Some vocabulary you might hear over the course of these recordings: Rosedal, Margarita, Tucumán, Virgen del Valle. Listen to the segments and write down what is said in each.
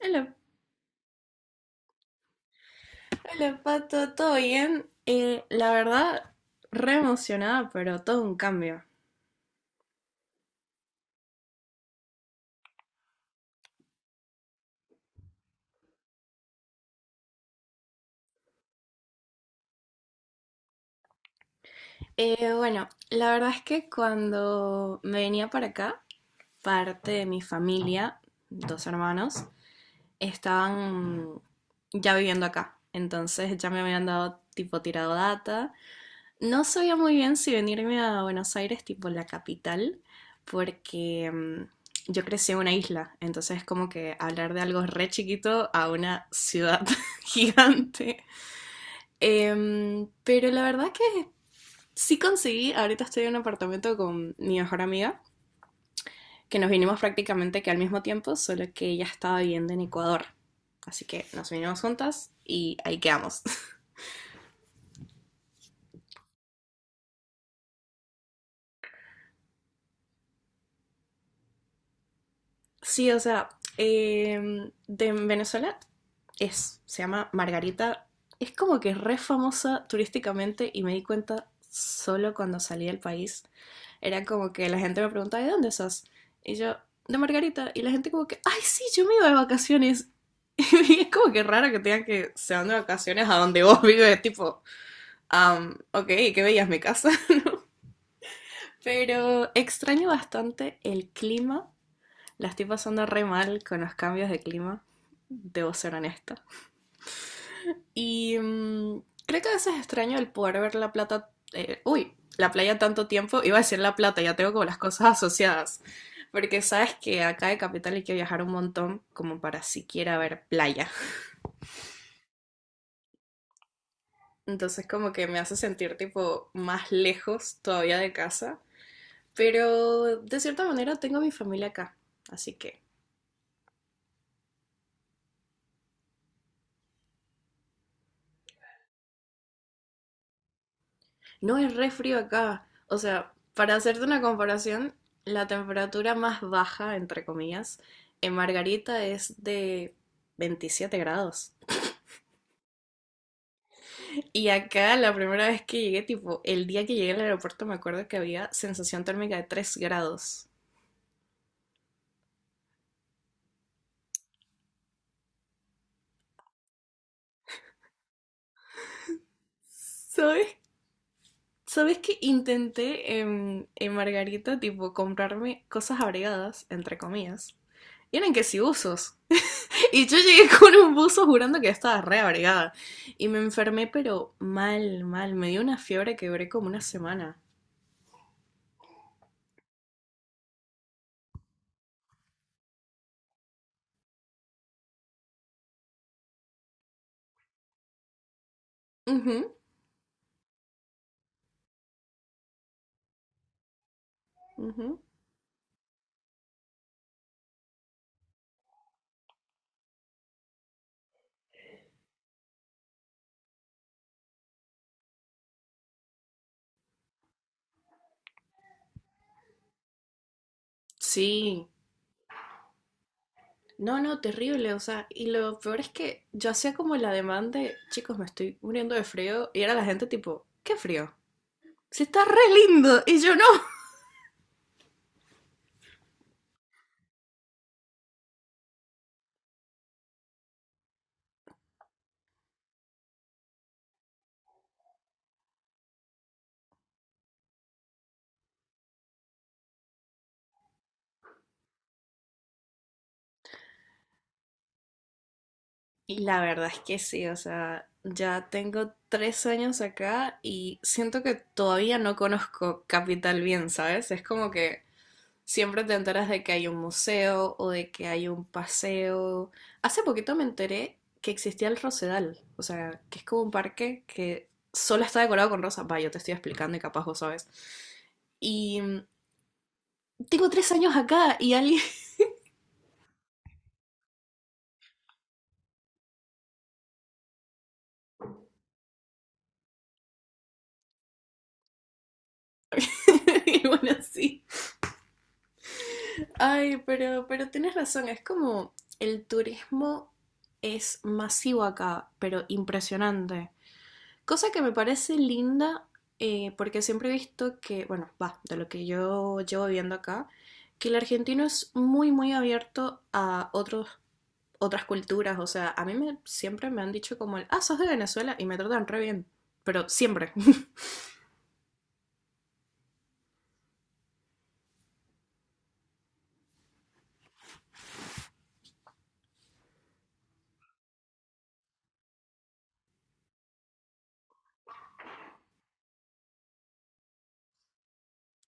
Hola, hola Pato, ¿todo bien? La verdad, re emocionada, pero todo un cambio. Bueno, la verdad es que cuando me venía para acá, parte de mi familia, dos hermanos, estaban ya viviendo acá. Entonces ya me habían dado tipo tirado data. No sabía muy bien si venirme a Buenos Aires, tipo la capital, porque yo crecí en una isla, entonces como que hablar de algo re chiquito a una ciudad gigante. Pero la verdad que sí conseguí, ahorita estoy en un apartamento con mi mejor amiga, que nos vinimos prácticamente que al mismo tiempo, solo que ella estaba viviendo en Ecuador. Así que nos vinimos juntas y ahí quedamos. Sí, o sea, de Venezuela es, se llama Margarita. Es como que es re famosa turísticamente y me di cuenta solo cuando salí del país. Era como que la gente me preguntaba, ¿de dónde sos? Y yo, de Margarita. Y la gente como que, ay, sí, yo me iba de vacaciones. Y es como que raro que tengan que se van de vacaciones a donde vos vives, tipo, ok, qué veías mi casa. Pero extraño bastante el clima, la estoy pasando re mal con los cambios de clima, debo ser honesta. Y creo que a veces extraño el poder ver la plata, uy, la playa tanto tiempo, iba a decir la plata, ya tengo como las cosas asociadas. Porque sabes que acá de Capital hay que viajar un montón como para siquiera ver playa. Entonces como que me hace sentir tipo más lejos todavía de casa. Pero de cierta manera tengo a mi familia acá. Así que. No es re frío acá. O sea, para hacerte una comparación, la temperatura más baja, entre comillas, en Margarita es de 27 grados. Y acá la primera vez que llegué, tipo, el día que llegué al aeropuerto me acuerdo que había sensación térmica de 3 grados. ¿Sabes? ¿Sabes que intenté en Margarita, tipo, comprarme cosas abrigadas, entre comillas? Y eran que si usos. Y yo llegué con un buzo jurando que estaba re abrigada. Y me enfermé, pero mal, mal. Me dio una fiebre que duré como una semana. Ujú, ujú. Sí. No, no, terrible. O sea, y lo peor es que yo hacía como la demanda de, chicos, me estoy muriendo de frío. Y era la gente tipo, ¿qué frío? Si está re lindo. Y yo no. Y la verdad es que sí, o sea, ya tengo 3 años acá y siento que todavía no conozco Capital bien, ¿sabes? Es como que siempre te enteras de que hay un museo o de que hay un paseo. Hace poquito me enteré que existía el Rosedal, o sea, que es como un parque que solo está decorado con rosas. Va, yo te estoy explicando y capaz vos sabes. Y tengo 3 años acá y alguien. Y bueno, sí. Ay, pero tienes razón, es como el turismo es masivo acá, pero impresionante. Cosa que me parece linda, porque siempre he visto que, bueno, va, de lo que yo llevo viendo acá, que el argentino es muy, muy abierto a otros, otras culturas. O sea, a mí me, siempre me han dicho como el, ah, sos de Venezuela y me tratan re bien, pero siempre.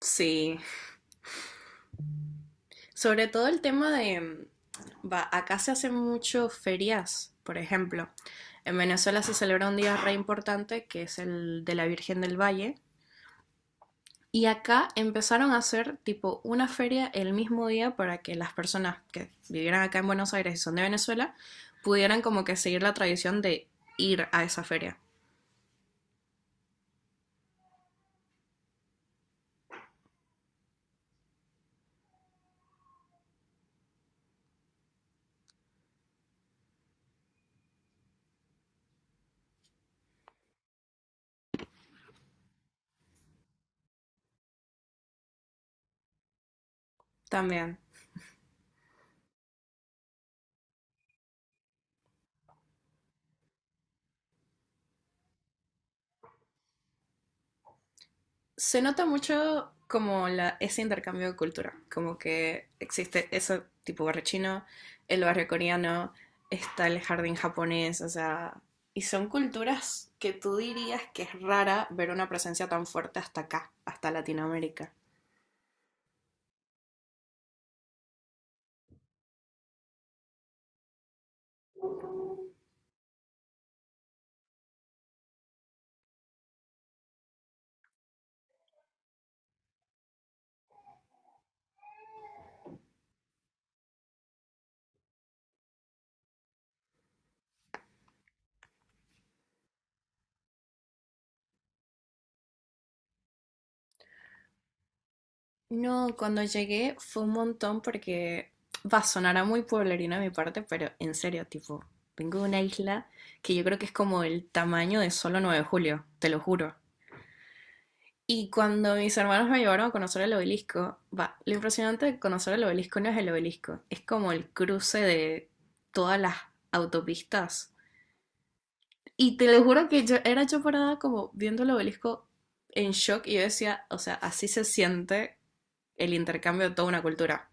Sí, sobre todo el tema de, va, acá se hacen mucho ferias, por ejemplo. En Venezuela se celebra un día re importante que es el de la Virgen del Valle, y acá empezaron a hacer tipo una feria el mismo día para que las personas que vivieran acá en Buenos Aires y son de Venezuela pudieran como que seguir la tradición de ir a esa feria también. Se nota mucho como la, ese intercambio de cultura, como que existe ese tipo barrio chino, el barrio coreano, está el jardín japonés, o sea, y son culturas que tú dirías que es rara ver una presencia tan fuerte hasta acá, hasta Latinoamérica. No, cuando llegué fue un montón porque va a sonar a muy pueblerino de mi parte, pero en serio, tipo, vengo de una isla que yo creo que es como el tamaño de solo 9 de julio, te lo juro. Y cuando mis hermanos me llevaron a conocer el obelisco, va, lo impresionante de conocer el obelisco no es el obelisco, es como el cruce de todas las autopistas. Y te lo juro que yo era yo parada como viendo el obelisco en shock y yo decía, o sea, así se siente el intercambio de toda una cultura.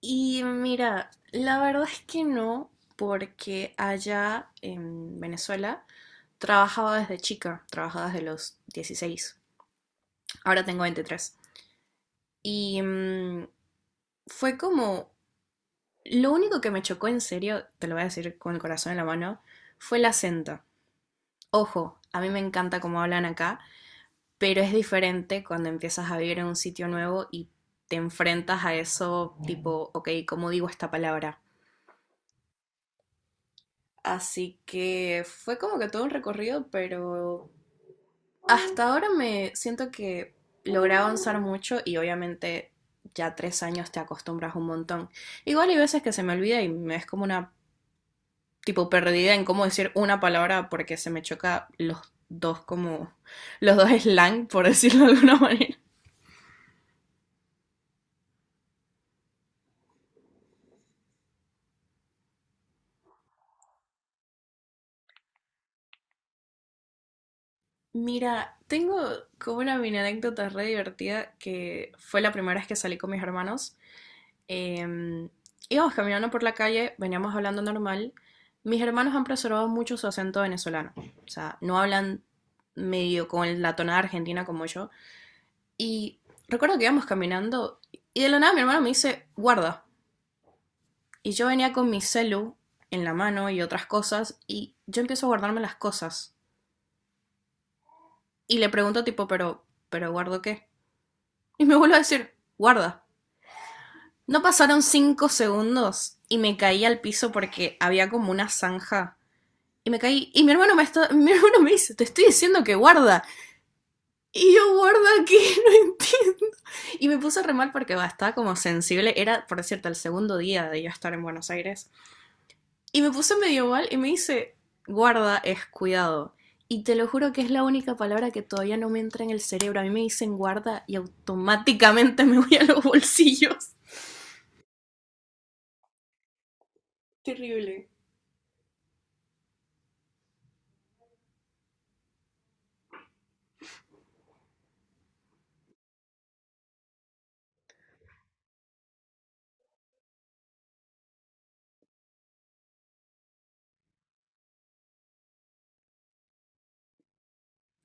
Y mira, la verdad es que no, porque allá en Venezuela trabajaba desde chica, trabajaba desde los 16. Ahora tengo 23. Y fue como, lo único que me chocó en serio, te lo voy a decir con el corazón en la mano, fue el acento. Ojo, a mí me encanta cómo hablan acá, pero es diferente cuando empiezas a vivir en un sitio nuevo y te enfrentas a eso tipo, ok, ¿cómo digo esta palabra? Así que fue como que todo un recorrido, pero hasta ahora me siento que logré avanzar mucho y obviamente ya 3 años te acostumbras un montón. Igual hay veces que se me olvida y me es como una tipo perdida en cómo decir una palabra porque se me choca los dos como los dos slang, por decirlo de alguna manera. Mira, tengo como una mini anécdota re divertida que fue la primera vez que salí con mis hermanos. Eh, Íbamos caminando por la calle, veníamos hablando normal. Mis hermanos han preservado mucho su acento venezolano. O sea, no hablan medio con la tonada argentina como yo. Y recuerdo que íbamos caminando y de la nada mi hermano me dice, guarda. Y yo venía con mi celu en la mano y otras cosas y yo empiezo a guardarme las cosas. Y le pregunto tipo, pero ¿guardo qué? Y me vuelvo a decir, guarda. No pasaron 5 segundos y me caí al piso porque había como una zanja. Y me caí. Y mi hermano me, está- mi hermano me dice, te estoy diciendo que guarda. Y yo, guarda que no entiendo. Y me puse re mal porque va, estaba como sensible. Era, por cierto, el segundo día de yo estar en Buenos Aires. Y me puse medio mal y me dice, guarda es cuidado. Y te lo juro que es la única palabra que todavía no me entra en el cerebro. A mí me dicen guarda y automáticamente me voy a los bolsillos. Terrible.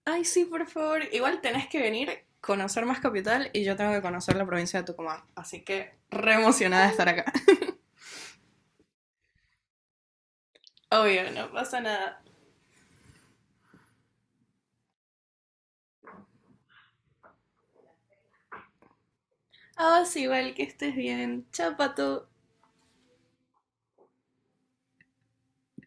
Ay, sí, por favor. Igual tenés que venir, conocer más capital y yo tengo que conocer la provincia de Tucumán. Así que re emocionada de estar acá. Obvio, no pasa nada. Ah, sí, igual que estés bien. Chao, Pato.